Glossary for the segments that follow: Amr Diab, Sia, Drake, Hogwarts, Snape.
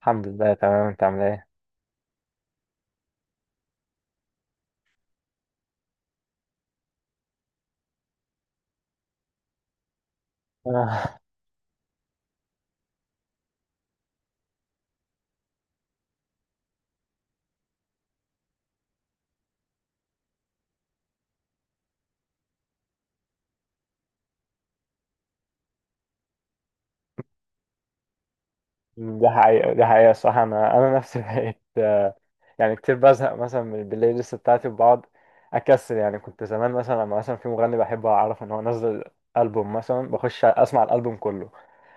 الحمد لله تمام، انت عامل ايه؟ آه، دي حقيقة، دي حقيقة الصراحة. انا انا نفسي بقيت يعني كتير بزهق مثلا من البلاي ليست بتاعتي وبقعد اكسل. يعني كنت زمان مثلا، لما مثلا في مغني بحبه اعرف ان هو نزل البوم مثلا بخش اسمع الالبوم كله.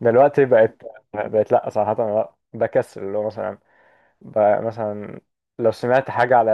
دلوقتي بقت لا، صراحة أنا لا بكسل. اللي هو مثلا مثلا لو سمعت حاجة على،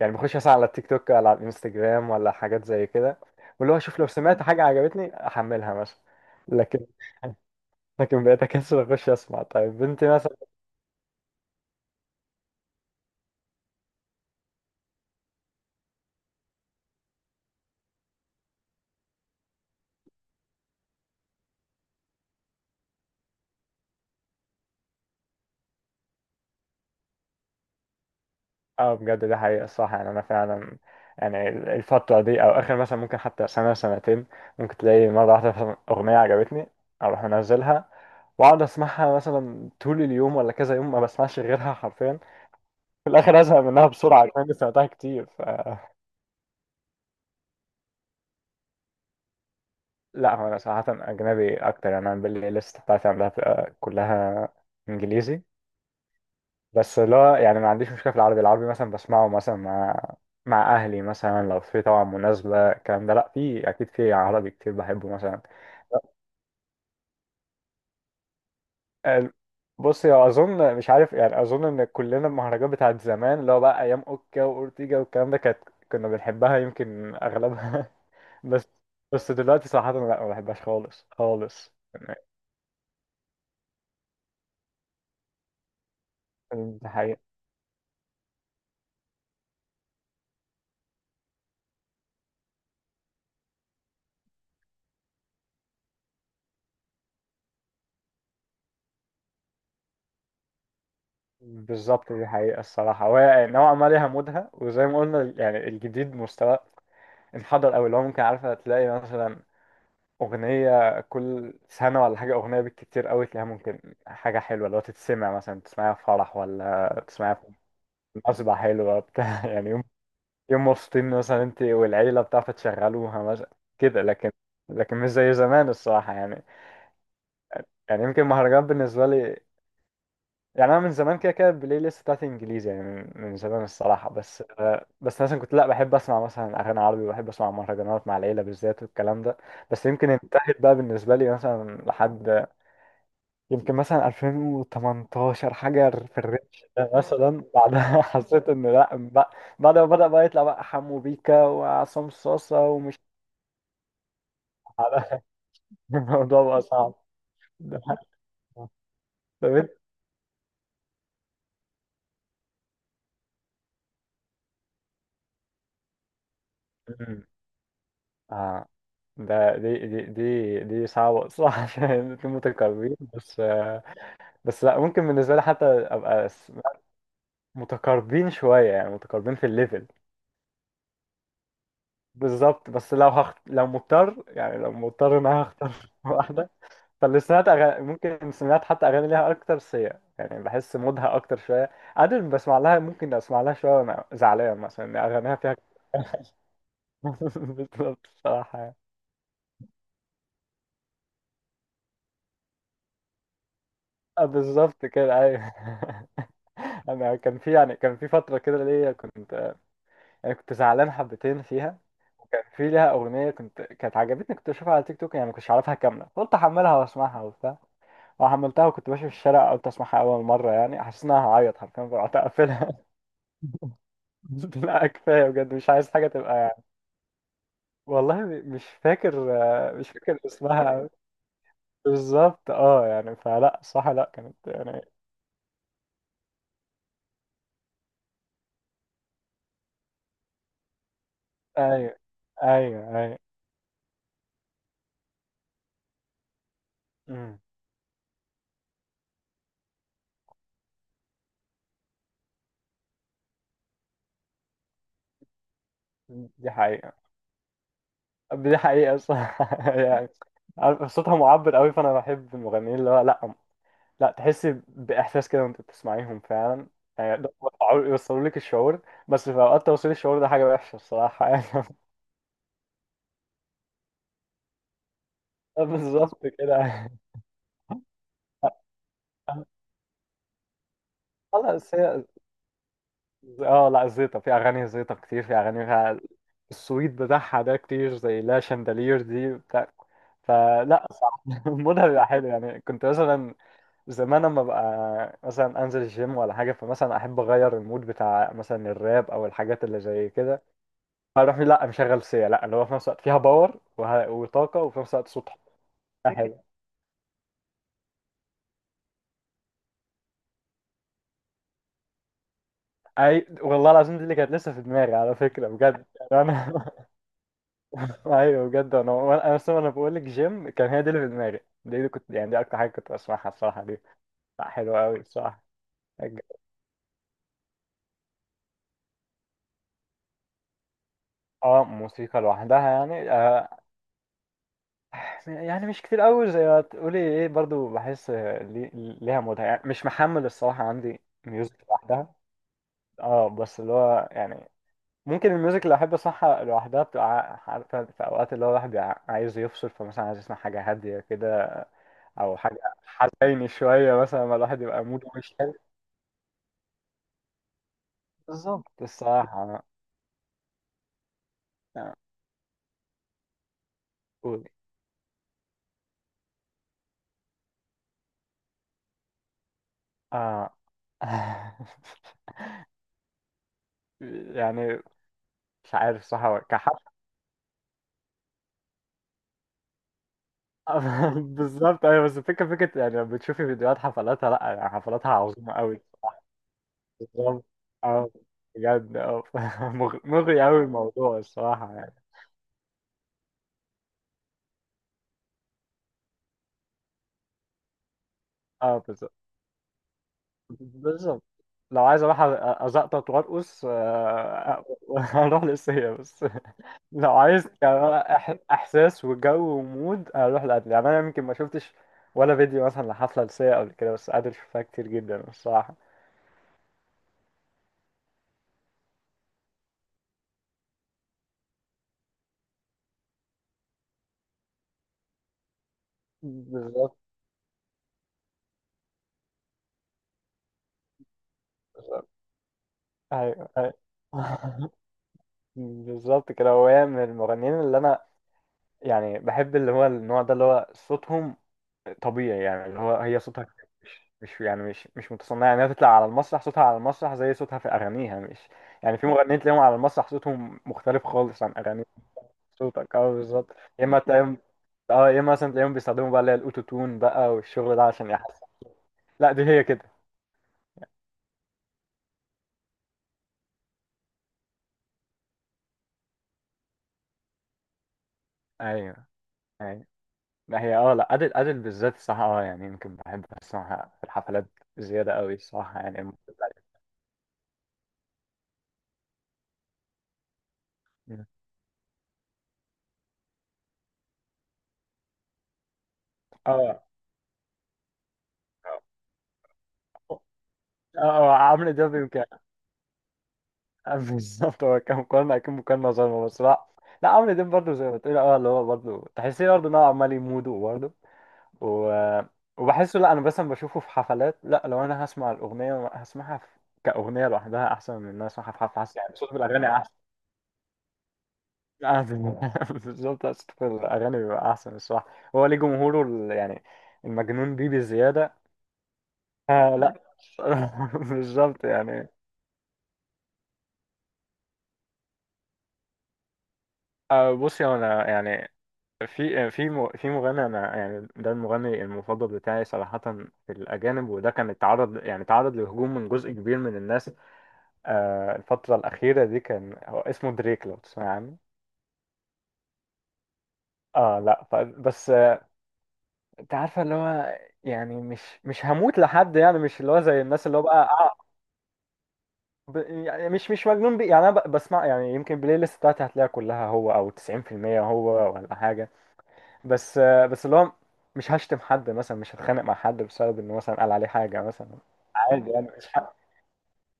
يعني بخش مثلا على التيك توك ولا على الانستجرام ولا حاجات زي كده، واللي هو اشوف لو سمعت حاجة عجبتني احملها مثلا. لكن، بقيت اكسل اخش اسمع طيب بنتي مثلا. اه بجد، دي حقيقة، الصح. يعني انا فعلا يعني الفترة دي او اخر مثلا ممكن، حتى سنة سنتين ممكن تلاقي مرة واحدة مثلا اغنية عجبتني، اروح منزلها واقعد اسمعها مثلا طول اليوم ولا كذا يوم ما بسمعش غيرها حرفيا. في الاخر ازهق منها بسرعة كمان إني سمعتها كتير ف... لا هو انا صراحة اجنبي اكتر. يعني انا بالليست بتاعتي عندها بتبقى كلها انجليزي. بس اللي هو يعني ما عنديش مشكلة في العربي. العربي مثلا بسمعه مثلا مع أهلي مثلا لو في طبعا مناسبة الكلام ده. لأ في أكيد في عربي كتير بحبه مثلا. ال- بص يا، أظن مش عارف يعني، أظن إن كلنا المهرجانات بتاعت زمان اللي هو بقى أيام أوكا وأورتيجا والكلام ده، كانت كنا بنحبها يمكن أغلبها. بس، دلوقتي صراحة لأ، ما بحبهاش خالص خالص. دي حقيقة. بالظبط، دي حقيقة الصراحة. وهي نوعا ما ليها مودها، وزي ما قلنا يعني الجديد مستوى محضر قوي. اللي هو ممكن، عارفه تلاقي مثلا اغنيه كل سنه ولا حاجه، اغنيه بالكتير قوي تلاقيها ممكن حاجه حلوه اللي هو تتسمع مثلا، تسمعها في فرح ولا تسمعها في مناسبه حلوه بتاع يعني يوم يوم مبسوطين مثلا انت والعيله بتاع فتشغلوها مثلا كده. لكن، مش زي زمان الصراحه يعني. يعني يمكن المهرجان بالنسبه لي، يعني انا من زمان كده كده البلاي ليست بتاعتي انجليزي. يعني من زمان الصراحه. بس مثلا كنت لا بحب اسمع مثلا اغاني عربي، وبحب اسمع مهرجانات مع العيله بالذات والكلام ده. بس يمكن انتهت بقى بالنسبه لي مثلا لحد، يمكن مثلا 2018 حاجه في الريتش ده مثلا. بعدها حسيت ان لا بعد ما بدا بقى يطلع بقى حمو بيكا وعصام صاصه ومش عارف. الموضوع بقى صعب. ده حقيقي. طب انت، اه ده دي دي دي دي صعبة، صح. عشان الاتنين متقاربين. بس لا، ممكن بالنسبة لي حتى أبقى متقاربين شوية، يعني متقاربين في الليفل. بالظبط، بس لو لو مضطر، يعني لو مضطر إن أنا هختار واحدة، فاللي سمعت أغاني ممكن سمعت حتى أغاني ليها أكتر سيا. يعني بحس مودها أكتر شوية. عادل بسمع لها، ممكن أسمع لها شوية وأنا زعلان مثلا إن أغانيها فيها بالظبط الصراحة. بالظبط كده، أيوه. انا كان في، يعني كان في فتره كده ليا كنت، يعني كنت زعلان حبتين فيها. وكان في ليها اغنيه كنت، كانت عجبتني، كنت اشوفها على تيك توك، يعني ما كنتش عارفها كامله قلت احملها واسمعها وبتاع. وحملتها وكنت ماشي في الشارع قلت اسمعها اول مره، يعني حسيت انها هعيط حرفيا، فرحت اقفلها. لا كفايه بجد، مش عايز حاجه تبقى يعني. والله مش فاكر، مش فاكر اسمها. بالظبط اه، يعني فلا صح، لا كانت يعني. ايوه، ايوه، ايوه. أمم. دي حقيقة. دي حقيقة، صح. يعني عارف، صوتها معبر قوي، فأنا بحب المغنيين اللي هو لأ، لأ تحس بإحساس كده وأنت بتسمعيهم فعلا. يعني يقدروا يوصلوا لك الشعور. بس في أوقات توصيل الشعور ده حاجة وحشة الصراحة يعني. بالظبط كده. خلاص هي اه، لا زيطة في أغاني، زيطة كتير في أغاني فيها السويت بتاعها ده، كتير زي لا شاندالير دي بتاع. فلا صح. مودها بيبقى حلو، يعني كنت مثلا زمان اما ببقى مثلا انزل الجيم ولا حاجه، فمثلا احب اغير المود بتاع مثلا الراب او الحاجات اللي زي كده. فاروح لا مشغل سيا، لا اللي هو في نفس الوقت فيها باور وطاقه، وفي نفس الوقت صوتها حلو. اي والله العظيم، دي اللي كانت لسه في دماغي على فكره، بجد يعني انا. ايوه بجد انا انا اصلا، انا بقول لك جيم، كان هي دي اللي في دماغي. دي اللي كنت، يعني دي اكتر حاجه كنت بسمعها الصراحه دي. لا حلوه قوي الصراحه. اه، موسيقى لوحدها يعني آه. يعني مش كتير قوي زي ما تقولي ايه، برضو بحس ليها مودها. يعني مش محمل الصراحة عندي ميوزك لوحدها. اه بس اللي هو يعني، ممكن الميوزك اللي احب اسمعها لوحدها بتبقى عارفة في اوقات اللي هو الواحد بيبقى عايز يفصل، فمثلا عايز يسمع حاجة هادية كده او حاجة حزيني شوية، مثلا ما الواحد يبقى موده مش حلو. بالظبط الصراحة. آه، قولي. اه، يعني مش عارف صح. بالظبط ايوه، بس الفكره فكره، يعني لما بتشوفي فيديوهات حفلاتها لا يعني حفلاتها عظيمه قوي الصراحه. بالظبط اه، بجد اه مغري قوي الموضوع الصراحه يعني. اه، بالظبط بالظبط. لو عايز اروح ازقطط وارقص، اروح للسيا. بس لو عايز يعني احساس وجو ومود، اروح لقبل. يعني انا يمكن ما شفتش ولا فيديو مثلا لحفله لسيا قبل كده، بس قادر اشوفها كتير جدا الصراحه. بالظبط، ايوه ايوه. بالظبط كده. هو هي من المغنيين اللي انا يعني بحب، اللي هو النوع ده اللي هو صوتهم طبيعي. يعني اللي هو هي صوتها مش، يعني مش متصنعه. يعني هي تطلع على المسرح صوتها على المسرح زي صوتها في اغانيها، مش، يعني في مغنيين تلاقيهم على المسرح صوتهم مختلف خالص عن اغاني صوتك. اه بالظبط. يا اما تلاقيهم، اه يا اما مثلا تلاقيهم بيستخدموا بقى اللي هي الاوتو تون بقى والشغل ده عشان يحس. لا دي هي كده. ايوه، ايوه. ما هي اه لا، أدل، أدل بالذات الصراحة. اه يعني يمكن بحب أسمعها في الحفلات زيادة قوي الصراحة يعني اه، اه، اه. عمرو دياب يمكن. بالظبط. هو كان مقارنة، أكيد مقارنة ظالمة، بس لا، لا عمرو دياب برضه زي ما بتقول اه، اللي هو برضه تحسيه برضه إن هو عمال يموده برضه و... وبحسه لا، أنا مثلا بشوفه في حفلات، لا لو أنا هسمع الأغنية هسمعها في... كأغنية لوحدها أحسن من إن أنا أسمعها في حفلة. حاسس يعني صوت الأغاني أحسن. أعدل. بالظبط أصل في الأغاني بيبقى أحسن الصراحة. هو ليه جمهوره يعني المجنون بيه بزيادة. آه لا. بالظبط يعني. آه بص يا، أنا يعني في في مغني أنا يعني، ده المغني المفضل بتاعي صراحة في الأجانب. وده كان اتعرض، يعني اتعرض لهجوم من جزء كبير من الناس آه الفترة الأخيرة دي. كان هو اسمه دريك، لو تسمع عنه. اه لا بس انت عارفه اللي هو، يعني مش هموت لحد يعني، مش اللي هو زي الناس اللي هو بقى ب... يعني مش مجنون بيه. يعني انا بسمع، يعني يمكن البلاي ليست بتاعتي هتلاقيها كلها هو او 90%، هو ولا حاجه. بس اللي هو مش هشتم حد مثلا، مش هتخانق مع حد بسبب انه مثلا قال عليه حاجه مثلا. عادي يعني، مش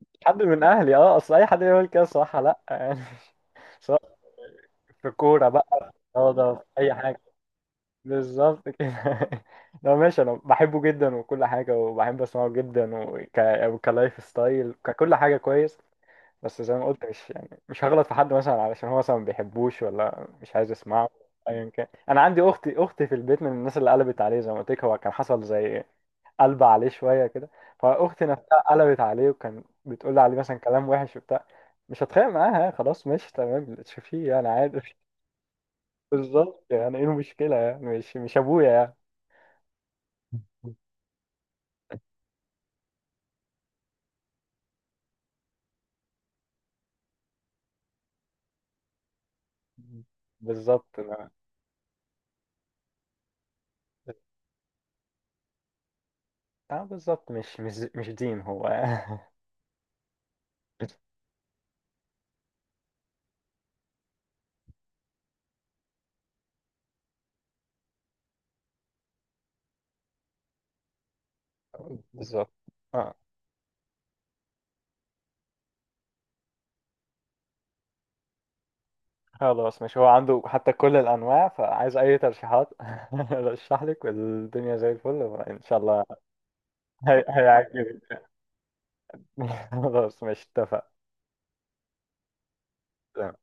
مش حد من اهلي اه، اصل اي حد يقول كده صراحه لا يعني. سواء في كوره بقى، اه، ده في اي حاجه. بالظبط كده. لا ماشي، انا بحبه جدا وكل حاجه، وبحب اسمعه جدا وكلايف ستايل، ككل حاجه كويس. بس زي ما قلت، مش يعني مش هغلط في حد مثلا علشان هو مثلا ما بيحبوش ولا مش عايز يسمعه. ايا كان، انا عندي اختي في البيت من الناس اللي قلبت عليه. زي ما قلت لك، هو كان حصل زي، قلب عليه شويه كده، فاختي نفسها قلبت عليه، وكان بتقول لي عليه مثلا كلام وحش وبتاع. مش هتخانق معاها، خلاص ماشي تمام اللي تشوفيه يعني عادي. بالظبط. يعني ايه المشكله، يعني مش ابويا يعني. بالظبط اه، بالظبط مش دين هو. بالظبط اه. خلاص مش، هو عنده حتى كل الأنواع، فعايز أي ترشيحات. رشح لك والدنيا زي الفل إن شاء الله. هيعجبك. خلاص مش، اتفق. تمام.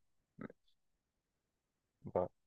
باي.